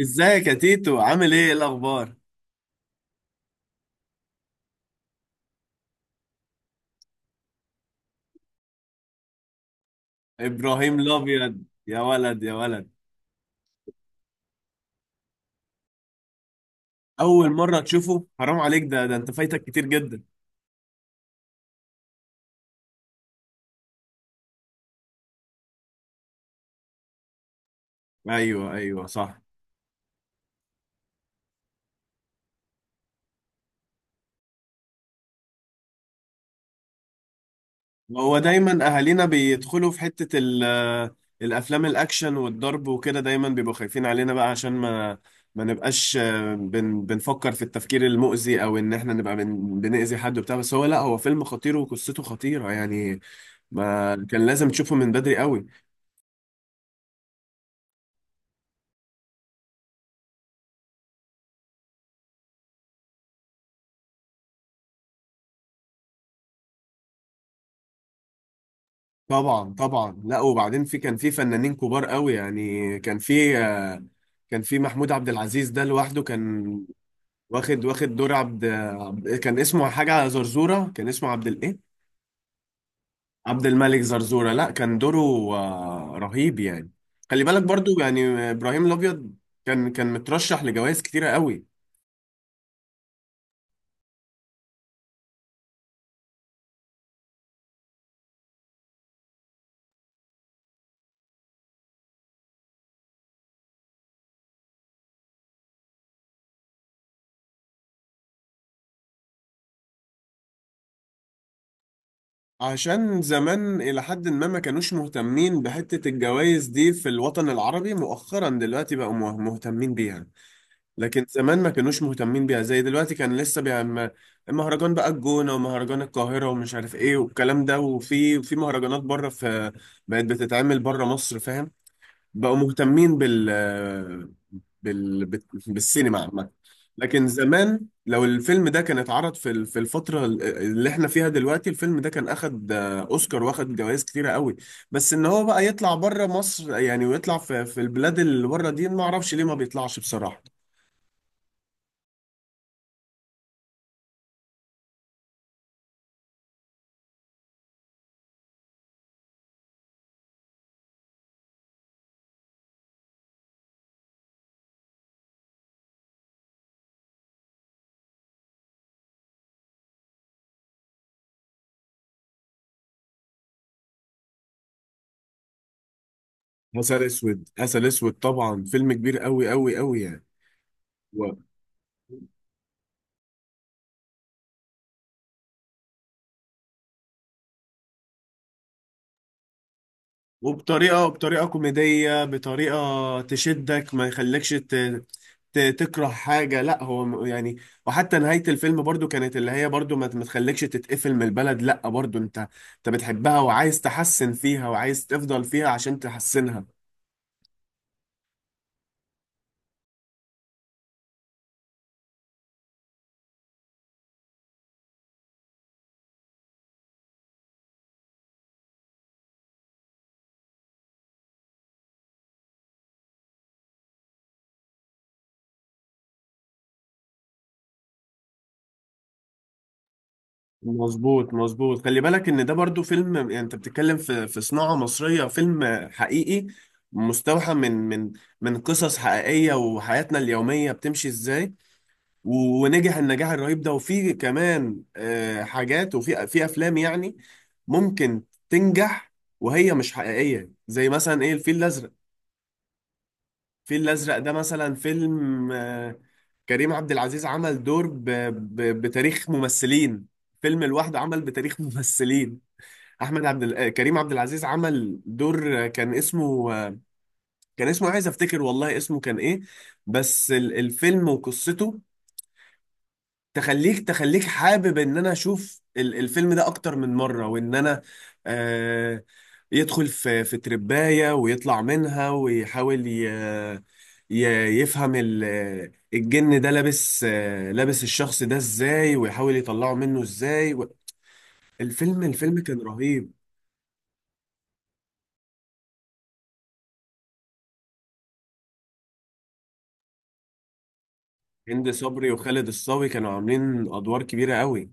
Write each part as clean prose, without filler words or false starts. ازيك يا تيتو، عامل ايه؟ إيه الاخبار؟ ابراهيم الابيض يا ولد يا ولد. اول مره تشوفه؟ حرام عليك، ده انت فايتك كتير جدا. ايوه ايوه صح. هو دايما اهالينا بيدخلوا في الافلام الاكشن والضرب وكده، دايما بيبقوا خايفين علينا بقى عشان ما نبقاش بنفكر في التفكير المؤذي، او ان احنا نبقى بنأذي حد وبتاع. بس هو لا، هو فيلم خطير وقصته خطيره يعني، ما كان لازم تشوفه من بدري قوي. طبعا طبعا. لا، وبعدين في كان في فنانين كبار قوي يعني، كان في كان في محمود عبد العزيز، ده لوحده كان واخد دور، كان اسمه حاجة زرزورة، كان اسمه عبد الايه؟ عبد الملك زرزورة. لا كان دوره رهيب يعني. خلي بالك برضو يعني، ابراهيم الابيض كان مترشح لجوائز كتيرة قوي. عشان زمان إلى حد ما ما كانوش مهتمين بحتة الجوائز دي في الوطن العربي، مؤخرا دلوقتي بقوا مهتمين بيها. لكن زمان ما كانوش مهتمين بيها زي دلوقتي، كان لسه بيعمل مهرجان بقى الجونة ومهرجان القاهرة ومش عارف ايه والكلام ده، وفي مهرجانات بره، في بقت بتتعمل بره مصر، فاهم؟ بقوا مهتمين بال بال- بالسينما عامة. لكن زمان لو الفيلم ده كان اتعرض في في الفترة اللي احنا فيها دلوقتي، الفيلم ده كان اخد اوسكار، واخد جوائز كتيرة قوي. بس ان هو بقى يطلع بره مصر يعني، ويطلع في البلاد اللي بره دي، ما اعرفش ليه ما بيطلعش بصراحة. عسل اسود، عسل اسود طبعا، فيلم كبير قوي قوي قوي يعني. و- وبطريقه كوميديه، بطريقه تشدك، ما يخليكش تكره حاجه. لا هو يعني، وحتى نهايه الفيلم برضو كانت، اللي هي برضو ما تخليكش تتقفل من البلد، لا برضو انت انت بتحبها وعايز تحسن فيها وعايز تفضل فيها عشان تحسنها. مظبوط مظبوط. خلي بالك ان ده برضو فيلم، يعني انت بتتكلم في صناعة مصرية، فيلم حقيقي مستوحى من قصص حقيقية وحياتنا اليومية بتمشي ازاي. ونجح النجاح الرهيب ده. وفي كمان حاجات، وفي افلام يعني ممكن تنجح وهي مش حقيقية، زي مثلا ايه، الفيل الازرق. الفيل الازرق ده مثلا فيلم كريم عبد العزيز عمل دور بتاريخ ممثلين، فيلم لوحده عمل بتاريخ ممثلين. احمد عبد ال... آه، كريم عبد العزيز عمل دور كان اسمه كان اسمه، عايز افتكر والله اسمه كان ايه، بس الفيلم وقصته تخليك، تخليك حابب ان انا اشوف الفيلم ده اكتر من مرة، وان انا آه يدخل في ترباية ويطلع منها، ويحاول ي... يفهم الجن ده لابس، لابس الشخص ده ازاي، ويحاول يطلعه منه ازاي. الفيلم، الفيلم كان رهيب. هند صبري وخالد الصاوي كانوا عاملين ادوار كبيره قوي.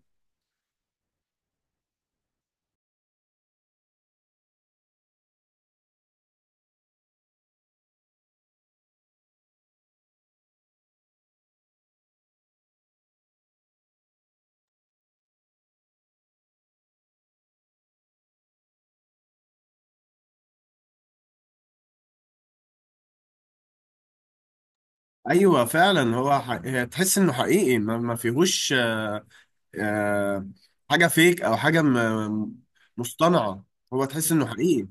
ايوه فعلا، هو هي تحس انه حقيقي، ما, ما فيهوش آه، حاجه فيك، او حاجه مصطنعه. هو تحس انه حقيقي.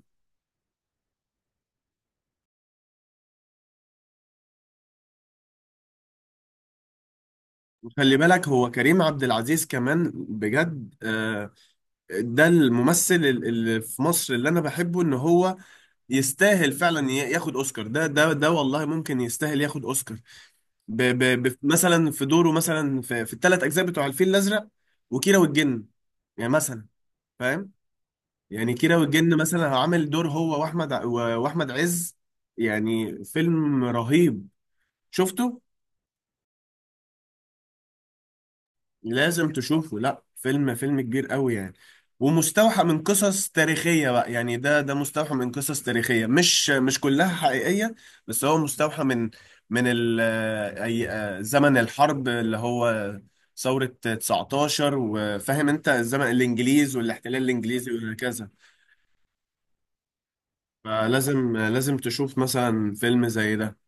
وخلي بالك هو كريم عبد العزيز كمان بجد ده الممثل اللي في مصر اللي انا بحبه، ان هو يستاهل فعلا ياخد اوسكار. ده والله ممكن يستاهل ياخد اوسكار، مثلا في دوره مثلا في الثلاث اجزاء بتوع الفيل الازرق، وكيرة والجن، يعني مثلا، فاهم؟ يعني كيرة والجن مثلا، عامل دور هو واحمد عز، يعني فيلم رهيب، شفته. لازم تشوفه، لا فيلم، فيلم كبير قوي يعني. ومستوحى من قصص تاريخية بقى يعني، ده مستوحى من قصص تاريخية، مش كلها حقيقية، بس هو مستوحى من من ال أي زمن الحرب، اللي هو ثورة 19، وفاهم انت الزمن، الانجليز والاحتلال الانجليزي وهكذا. فلازم لازم تشوف مثلا فيلم زي ده.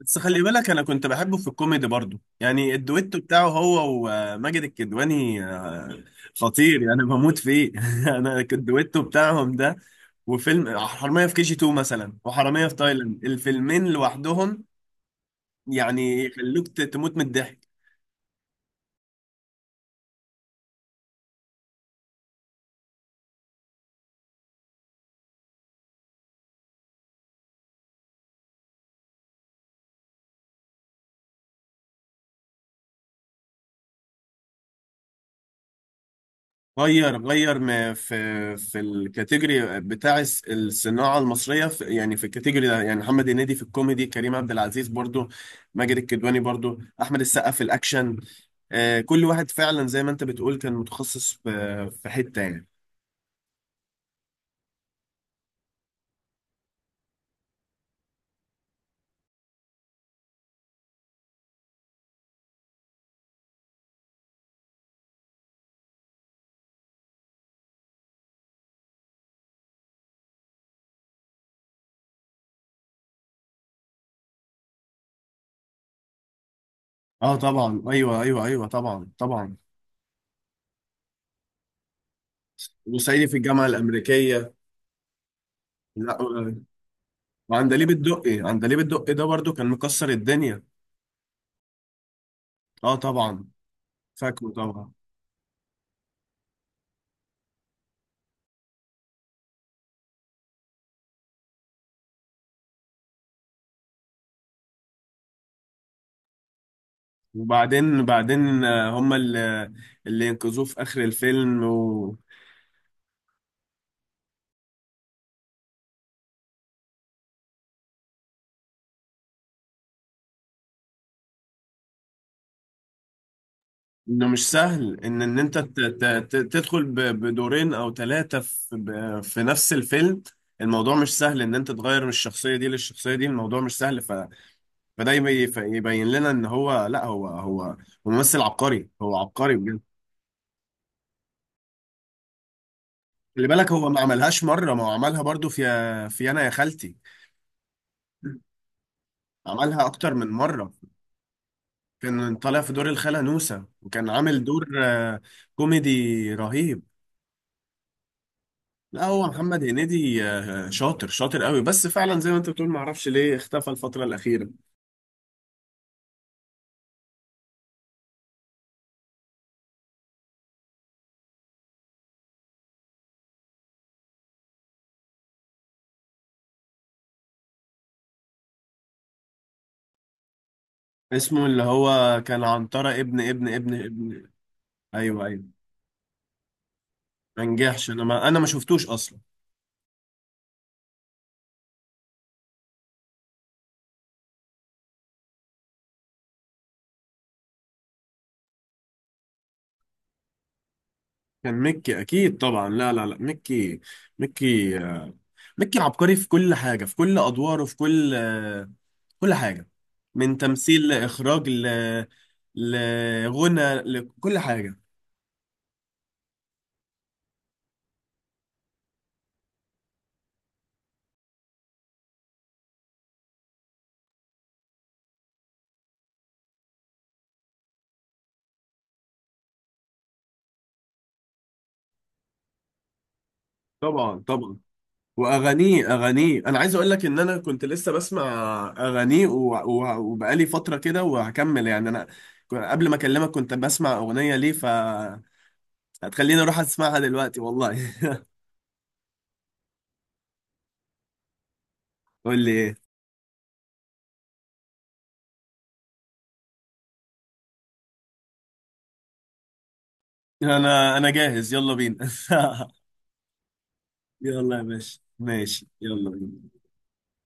بس خلي بالك انا كنت بحبه في الكوميدي برضو يعني، الدويتو بتاعه هو وماجد الكدواني، خطير يعني، انا بموت فيه. انا الدويتو بتاعهم ده، وفيلم حرامية في كي جي 2 مثلا، وحرامية في تايلاند، الفيلمين لوحدهم يعني يخلوك تموت من الضحك. غير ما في الكاتيجوري بتاع الصناعة المصرية، في يعني في الكاتيجوري ده، يعني محمد هنيدي في الكوميدي، كريم عبد العزيز برضو، ماجد الكدواني برضو، أحمد السقا في الأكشن، كل واحد فعلا زي ما أنت بتقول كان متخصص في حتة يعني. اه طبعا، ايوه ايوه ايوه، طبعا طبعا. وصعيدي في الجامعة الأمريكية. لا، وعندليب الدقي، عندليب الدقي ده برضو كان مكسر الدنيا. اه طبعا، فاكره طبعا. وبعدين هما اللي، اللي ينقذوه في آخر الفيلم. انه مش سهل ان انت تدخل بدورين او ثلاثة في نفس الفيلم. الموضوع مش سهل ان انت تغير من الشخصية دي للشخصية دي، الموضوع مش سهل. فده يبين لنا ان هو لا، هو ممثل عبقري، هو عبقري بجد. خلي بالك هو ما عملهاش مرة، ما هو عملها برضو في أنا يا خالتي، عملها أكتر من مرة. كان طالع في دور الخالة نوسة، وكان عامل دور كوميدي رهيب. لا هو محمد هنيدي شاطر قوي، بس فعلا زي ما انت بتقول معرفش ليه اختفى الفترة الأخيرة. اسمه اللي هو كان عنترة ابن ابن. ايوه ايوه. ما نجحش، انا ما شفتوش اصلا. كان ميكي اكيد طبعا، لا لا لا ميكي، ميكي ميكي عبقري في كل حاجه، في كل ادواره، في كل كل حاجه، من تمثيل، لاخراج، لغنى، لكل حاجه. طبعا طبعا. واغانيه، اغانيه، انا عايز اقول لك ان انا كنت لسه بسمع اغانيه. وبقالي فتره كده وهكمل يعني انا، قبل ما اكلمك كنت بسمع اغنيه ليه، ف هتخليني اروح اسمعها دلوقتي والله. قول لي ايه. انا انا جاهز، يلا بينا. يلا يا باشا ماشي، يلا بينا.